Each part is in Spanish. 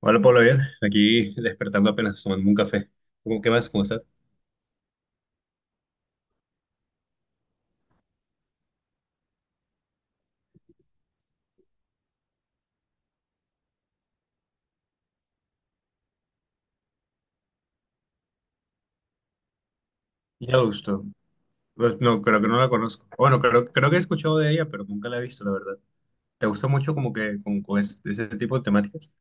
Hola, Pablo, bien. Aquí despertando apenas tomando un café. ¿Cómo, qué más? ¿Cómo estás? Ya, gusto. Pues, no, creo que no la conozco. Bueno, creo que he escuchado de ella, pero nunca la he visto, la verdad. ¿Te gusta mucho como que con ese, tipo de temáticas?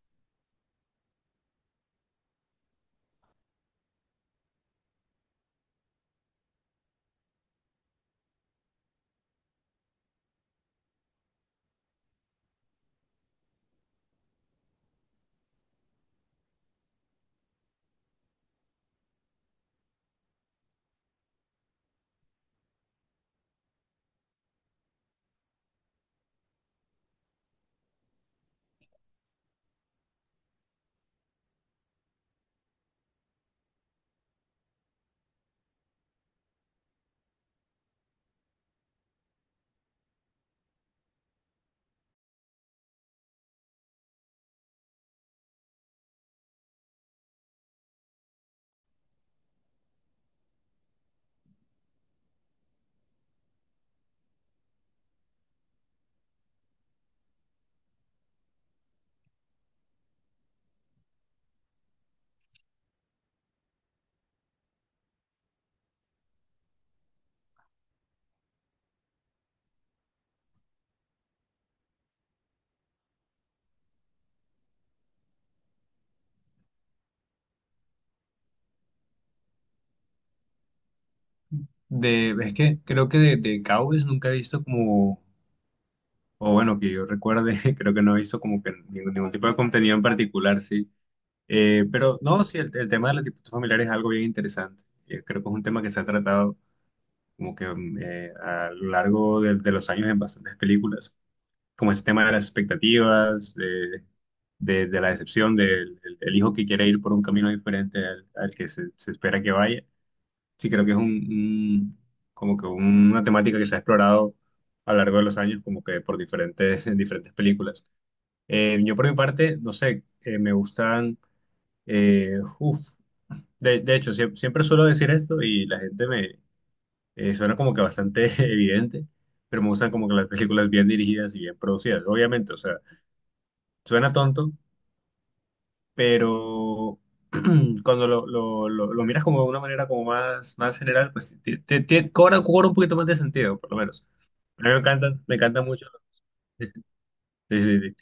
De, es que creo que de cowboys nunca he visto como, o bueno, que yo recuerde, creo que no he visto como que ningún tipo de contenido en particular, sí. Pero no, sí, el tema de los tipos familiares es algo bien interesante. Creo que es un tema que se ha tratado como que a lo largo de los años en bastantes películas, como ese tema de las expectativas, de, de la decepción del el hijo que quiere ir por un camino diferente al, al que se espera que vaya. Sí, creo que es un como que una temática que se ha explorado a lo largo de los años, como que por diferentes, en diferentes películas. Yo por mi parte, no sé, me gustan, eh, uf, de hecho, siempre suelo decir esto y la gente suena como que bastante evidente, pero me gustan como que las películas bien dirigidas y bien producidas. Obviamente, o sea, suena tonto, pero cuando lo miras como de una manera como más, más general, pues te cobra, cobra un poquito más de sentido, por lo menos. A mí me encantan mucho. Sí, sí, sí.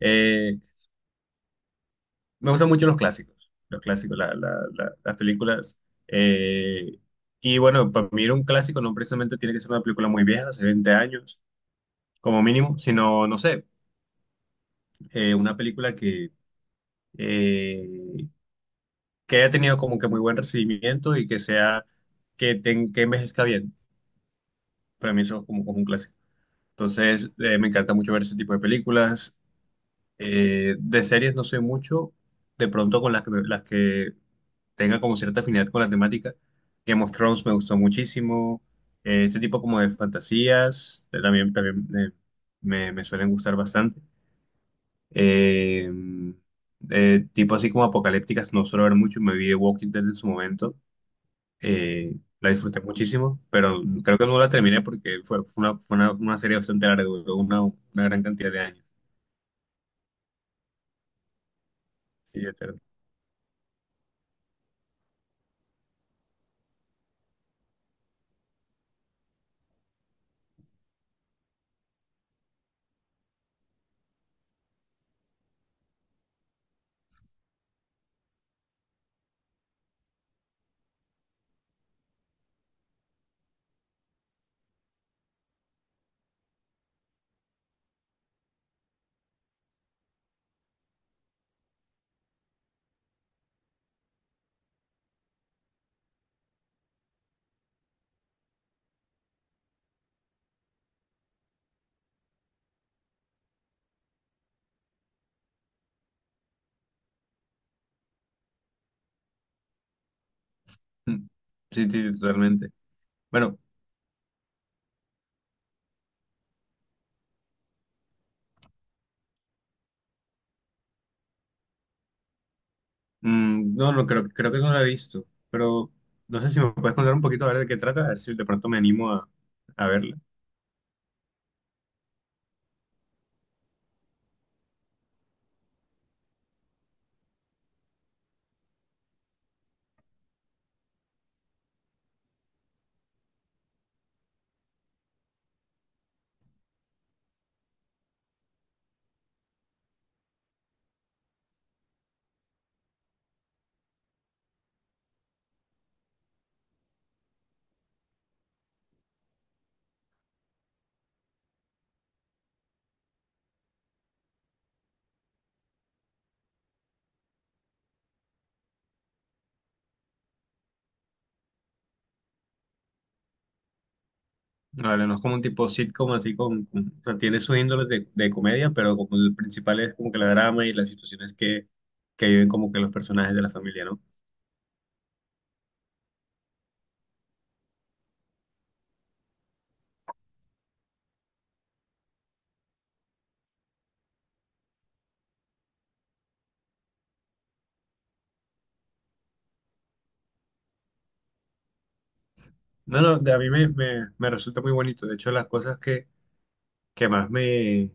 Eh, me gustan mucho los clásicos, las películas. eh, y bueno, para mí un clásico no precisamente tiene que ser una película muy vieja, hace 20 años como mínimo, sino, no sé, una película eh, que haya tenido como que muy buen recibimiento y que sea, que, que envejezca bien. Para mí eso es como, como un clásico. Entonces, me encanta mucho ver ese tipo de películas. De series no soy mucho, de pronto con las que tenga como cierta afinidad con la temática. Game of Thrones me gustó muchísimo. Este tipo como de fantasías también, me, me suelen gustar bastante. Eh, tipo así como apocalípticas, no suelo ver mucho. Me vi The Walking Dead en su momento. eh, la disfruté muchísimo, pero creo que no la terminé porque fue una serie bastante larga, duró una gran cantidad de años. Sí, etcétera. Mm. Sí, sí, sí, totalmente. Bueno, no, no creo, creo que no la he visto, pero no sé si me puedes contar un poquito a ver de qué trata, a ver si de pronto me animo a verla. Vale, no es como un tipo sitcom, así con, o sea, tiene sus índoles de comedia, pero como el principal es como que la drama y las situaciones que viven como que los personajes de la familia, ¿no? No, no, a mí me resulta muy bonito. De hecho, las cosas que más me,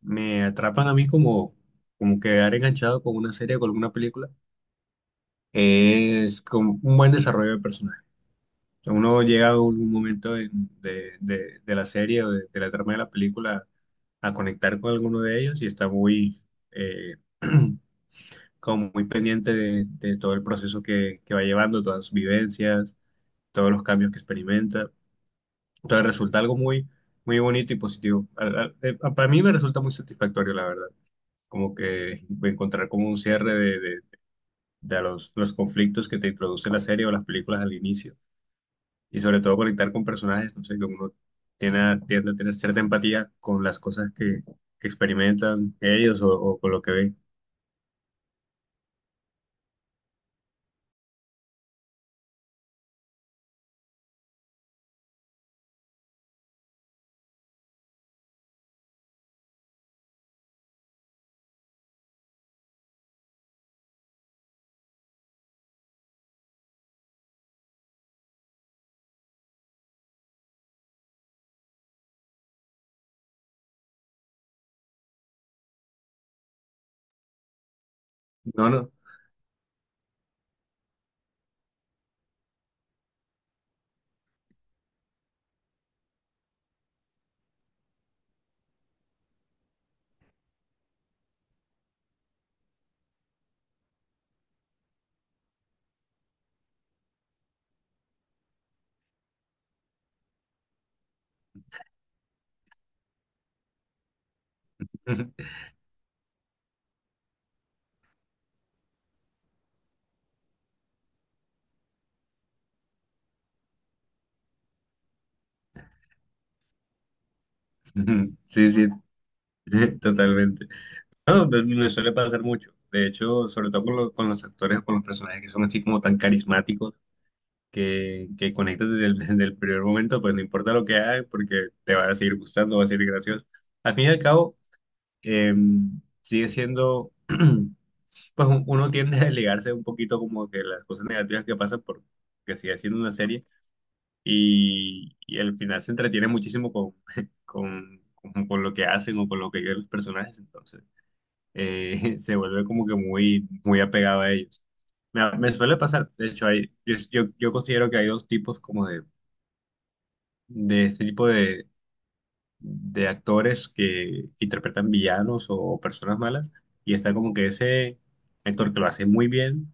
me atrapan a mí como, como quedar enganchado con una serie o con alguna película es con un buen desarrollo de personajes. O sea, uno llega a un momento de, de la serie o de la trama de la película a conectar con alguno de ellos y está muy, eh, como muy pendiente de todo el proceso que va llevando, todas sus vivencias, todos los cambios que experimenta. Entonces resulta algo muy, muy bonito y positivo. Para mí me resulta muy satisfactorio, la verdad. Como que encontrar como un cierre de, de los conflictos que te introduce la serie o las películas al inicio. Y sobre todo conectar con personajes, no sé, que uno tiene, tiende a tener cierta empatía con las cosas que experimentan ellos o con lo que ven. No, no. Sí, sí, totalmente. No, pues, me suele pasar mucho. De hecho, sobre todo con, con los actores o con los personajes que son así como tan carismáticos que conectas desde el, desde el primer momento, pues no importa lo que hagas porque te va a seguir gustando, va a ser gracioso. Al fin y al cabo, sigue siendo pues uno tiende a desligarse un poquito como que las cosas negativas que pasan porque sigue siendo una serie y al final se entretiene muchísimo con, con lo que hacen o con lo que quieren los personajes, entonces se vuelve como que muy, muy apegado a ellos. Me suele pasar, de hecho, hay, yo considero que hay dos tipos como de este tipo de actores que interpretan villanos o, personas malas y está como que ese actor que lo hace muy bien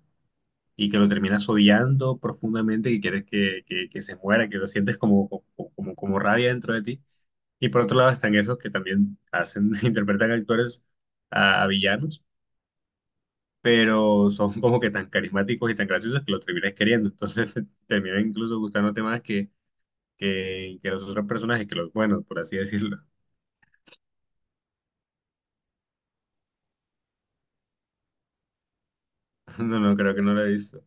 y que lo terminas odiando profundamente, que quieres que, que se muera, que lo sientes como, como rabia dentro de ti. Y por otro lado están esos que también hacen, interpretan actores a villanos, pero son como que tan carismáticos y tan graciosos que lo terminas queriendo. Entonces te termina incluso gustándote más que, que los otros personajes, que los buenos, por así decirlo. No, no, creo que no lo he visto.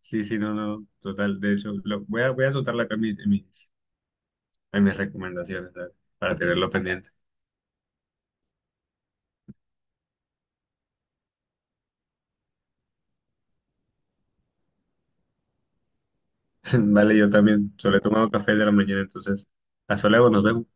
Sí, sí, no, no, total. De hecho, lo, voy a anotarlo acá en mis, en mis recomendaciones, ¿sabes? Para tenerlo pendiente. Vale, yo también. Solo he tomado café de la mañana, entonces. Hasta luego, nos vemos.